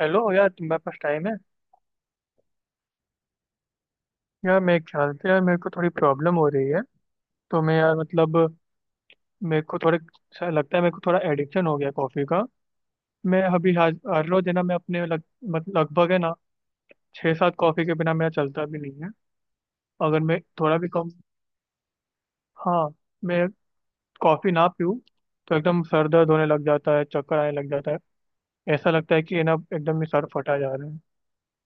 Hello यार, तुम्हारे पास टाइम है? यार मेरे ख्याल से यार, मेरे को थोड़ी प्रॉब्लम हो रही है। तो मैं यार मतलब, मेरे को थोड़े सा लगता है, मेरे को थोड़ा एडिक्शन हो गया कॉफ़ी का। मैं अभी आज हर रोज है ना, मैं अपने लग मत- लगभग है ना छः सात कॉफ़ी के बिना मेरा चलता भी नहीं है। अगर मैं थोड़ा भी कम, हाँ, मैं कॉफ़ी ना पीऊँ तो एकदम सर दर्द होने लग जाता है, चक्कर आने लग जाता है। ऐसा लगता है कि है ना, एकदम ही सर फटा जा रहा है।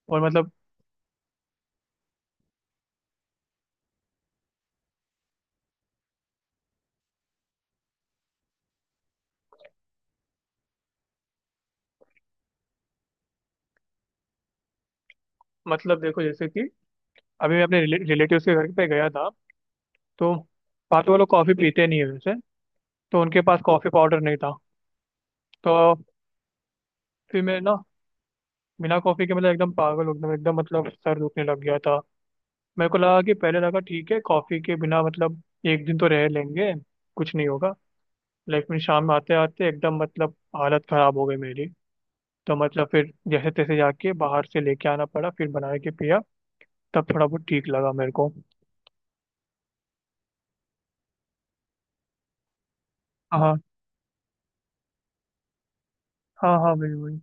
और मतलब देखो जैसे कि अभी मैं अपने रिलेटिव्स के घर पे गया था। तो पापा, वो लोग कॉफ़ी पीते नहीं है वैसे। तो उनके पास कॉफ़ी पाउडर नहीं था। तो फिर मैं ना, बिना कॉफ़ी के मतलब एकदम पागल हो गया, एकदम मतलब सर दुखने लग गया था। मेरे को लगा कि, पहले लगा ठीक है, कॉफ़ी के बिना मतलब एक दिन तो रह लेंगे, कुछ नहीं होगा। लेकिन शाम में आते आते एकदम मतलब हालत ख़राब हो गई मेरी। तो मतलब फिर जैसे तैसे जाके बाहर से लेके आना पड़ा, फिर बना के पिया, तब थोड़ा बहुत ठीक लगा मेरे को। हाँ। हाँ, हाँ, वही वही।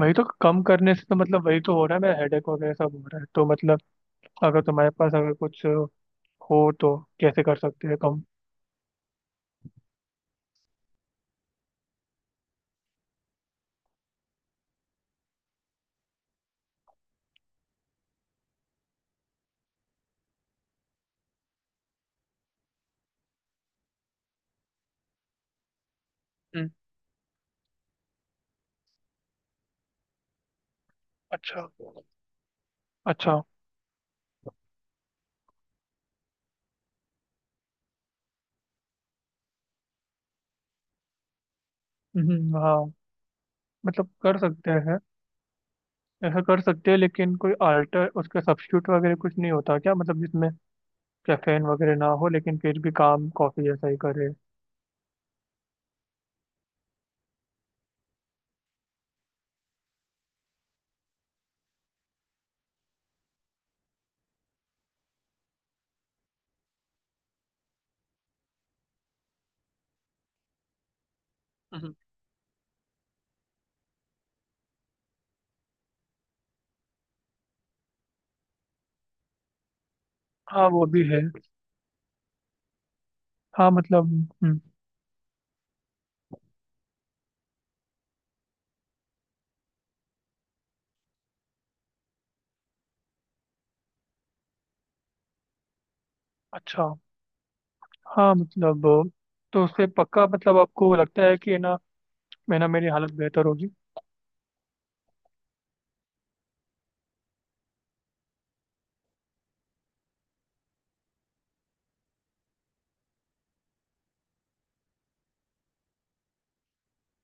वही तो। कम करने से तो मतलब वही तो हो रहा है, मेरा हेडेक वगैरह सब हो रहा है, तो मतलब अगर तुम्हारे पास अगर कुछ हो तो कैसे कर सकते हैं कम? हम्म। अच्छा। अच्छा। हाँ मतलब कर सकते हैं, ऐसा कर सकते हैं, लेकिन कोई आल्टर उसका सब्स्टिट्यूट वगैरह कुछ नहीं होता क्या, मतलब जिसमें कैफीन वगैरह ना हो लेकिन फिर भी काम कॉफी जैसा ही करे? हम्म। हाँ वो भी है। हाँ मतलब। हम्म, अच्छा। हाँ मतलब, तो उससे पक्का मतलब आपको लगता है कि है ना, मैं ना मेरी हालत बेहतर होगी?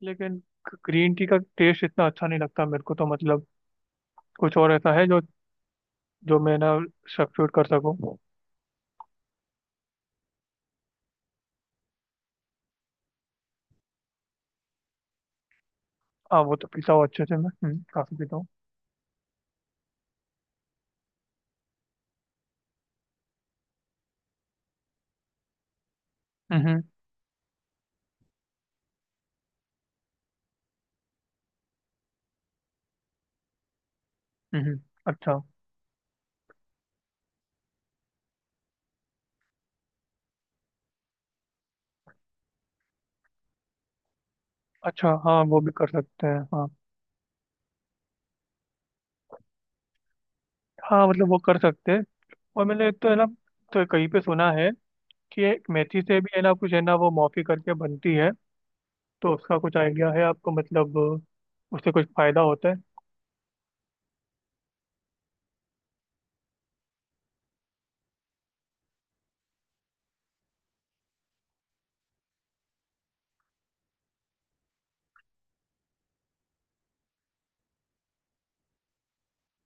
लेकिन ग्रीन टी का टेस्ट इतना अच्छा नहीं लगता मेरे को, तो मतलब कुछ और ऐसा है जो जो मैं ना सब्स्टिट्यूट कर सकूँ? हाँ वो तो पीता हूँ अच्छे से मैं, काफी पीता हूँ। हम्म। हम्म। अच्छा। अच्छा। हाँ वो भी कर सकते हैं। हाँ। हाँ मतलब वो कर सकते हैं। और मैंने एक तो है ना, तो कहीं पे सुना है कि एक मेथी से भी है ना कुछ है ना, वो मॉफी करके बनती है। तो उसका कुछ आइडिया है आपको, मतलब उससे कुछ फायदा होता है?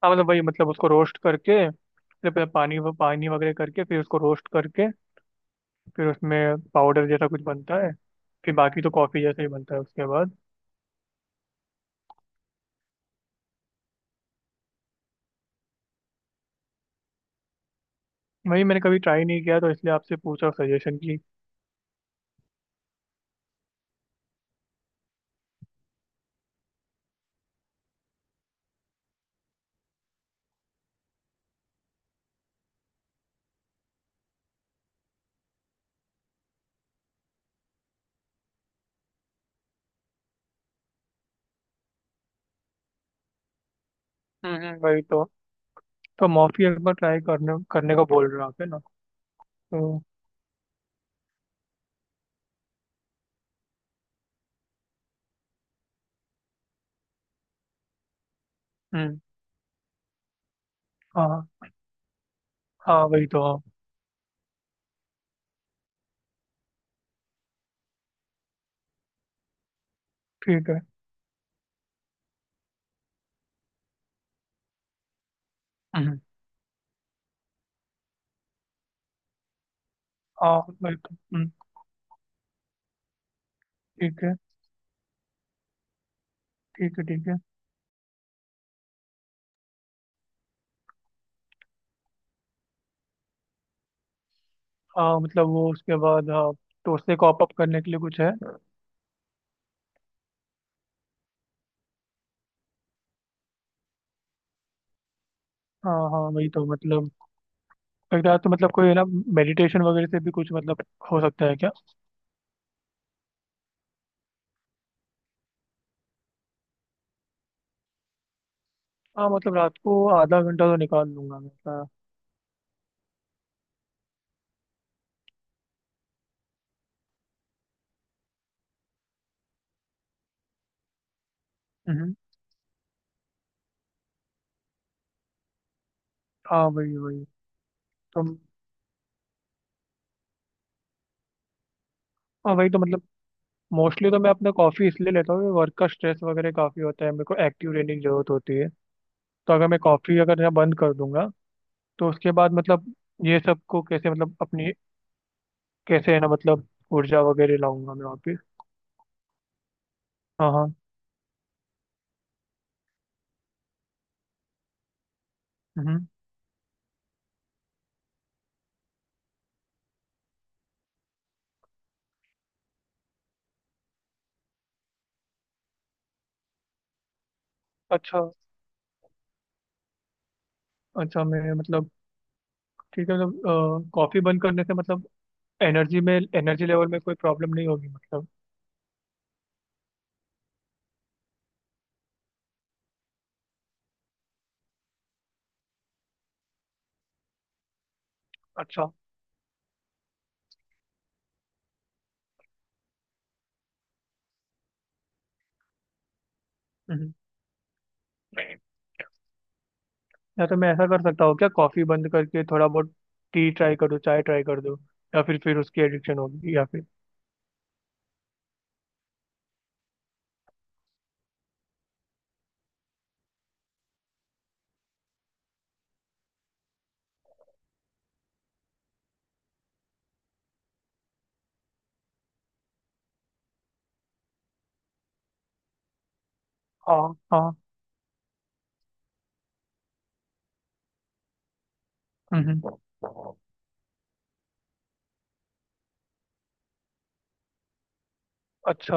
हाँ मतलब वही मतलब, उसको रोस्ट करके फिर पहले पानी पानी वगैरह करके फिर उसको रोस्ट करके, फिर उसमें पाउडर जैसा कुछ बनता है, फिर बाकी तो कॉफ़ी जैसा ही बनता है उसके बाद। वही मैंने कभी ट्राई नहीं किया, तो इसलिए आपसे पूछा सजेशन की। हम्म। हम्म। वही तो मॉफी एक बार ट्राई करने करने को बोल रहे हो आप है ना? तो हम्म। हाँ। हाँ, वही तो। हाँ। ठीक है। हम्म, हाँ वही तो। ठीक है। ठीक है। ठीक है। हाँ मतलब वो उसके बाद हाँ, तो उससे कॉप अप करने के लिए कुछ है? हाँ। हाँ, वही तो मतलब। एक रात तो मतलब कोई है ना, मेडिटेशन वगैरह से भी कुछ मतलब हो सकता है क्या? हाँ मतलब रात को आधा घंटा तो निकाल लूंगा मैं। हाँ। हम्म, हाँ, वही वही। तो हाँ वही तो मतलब, मोस्टली तो मैं अपना कॉफ़ी इसलिए लेता हूँ, वर्क का स्ट्रेस वगैरह काफ़ी होता है, मेरे को एक्टिव रहने की ज़रूरत होती है। तो अगर मैं कॉफ़ी अगर यहाँ बंद कर दूंगा, तो उसके बाद मतलब ये सबको कैसे मतलब अपनी, कैसे है ना मतलब ऊर्जा वगैरह लाऊंगा मैं वापस? हाँ। हाँ। हम्म, अच्छा। अच्छा। मैं मतलब ठीक है मतलब कॉफ़ी बंद करने से मतलब एनर्जी में एनर्जी लेवल में कोई प्रॉब्लम नहीं होगी मतलब? अच्छा। हम्म। या तो मैं ऐसा कर सकता हूँ क्या, कॉफी बंद करके थोड़ा बहुत टी ट्राई कर दूँ, चाय ट्राई कर दूँ, या फिर उसकी एडिक्शन होगी, या फिर? हाँ। हाँ। हम्म। अच्छा।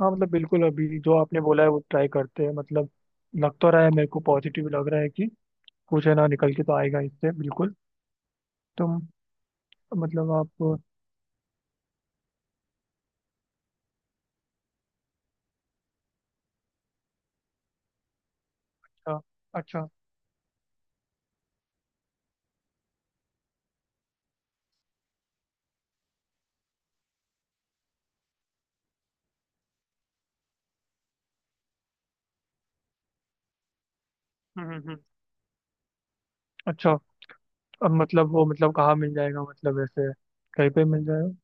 हाँ मतलब बिल्कुल, अभी जो आपने बोला है वो ट्राई करते हैं मतलब, लग तो रहा है मेरे को, पॉजिटिव लग रहा है कि कुछ है ना निकल के तो आएगा इससे बिल्कुल। तुम मतलब आप। अच्छा। अच्छा। हम्म। हम्म। अच्छा। अब मतलब वो मतलब कहाँ मिल जाएगा मतलब, ऐसे कहीं पे मिल जाएगा?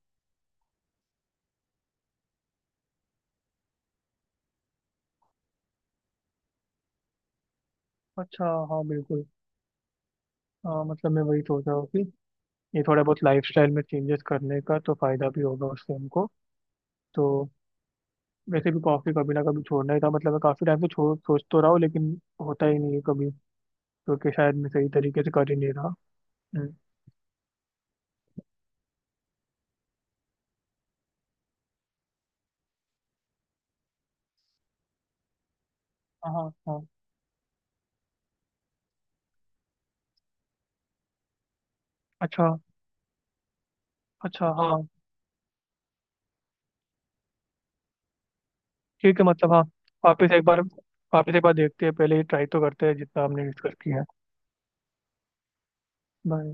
अच्छा। हाँ बिल्कुल। हाँ मतलब मैं वही सोच रहा हूँ कि ये थोड़ा बहुत लाइफस्टाइल में चेंजेस करने का तो फायदा भी होगा उससे हमको। तो वैसे भी कॉफी कभी ना कभी छोड़ना ही था, मतलब मैं काफी टाइम से छोड़ सोच तो रहा हूँ लेकिन होता ही नहीं है कभी, क्योंकि शायद मैं सही तरीके से कर ही नहीं रहा। हम्म, हाँ। हाँ। अच्छा। अच्छा। हाँ ठीक है मतलब हाँ। वापस एक बार वापस एक बार देखते हैं, पहले ही ट्राई तो करते हैं जितना हमने डिस्कस किया है। बाय।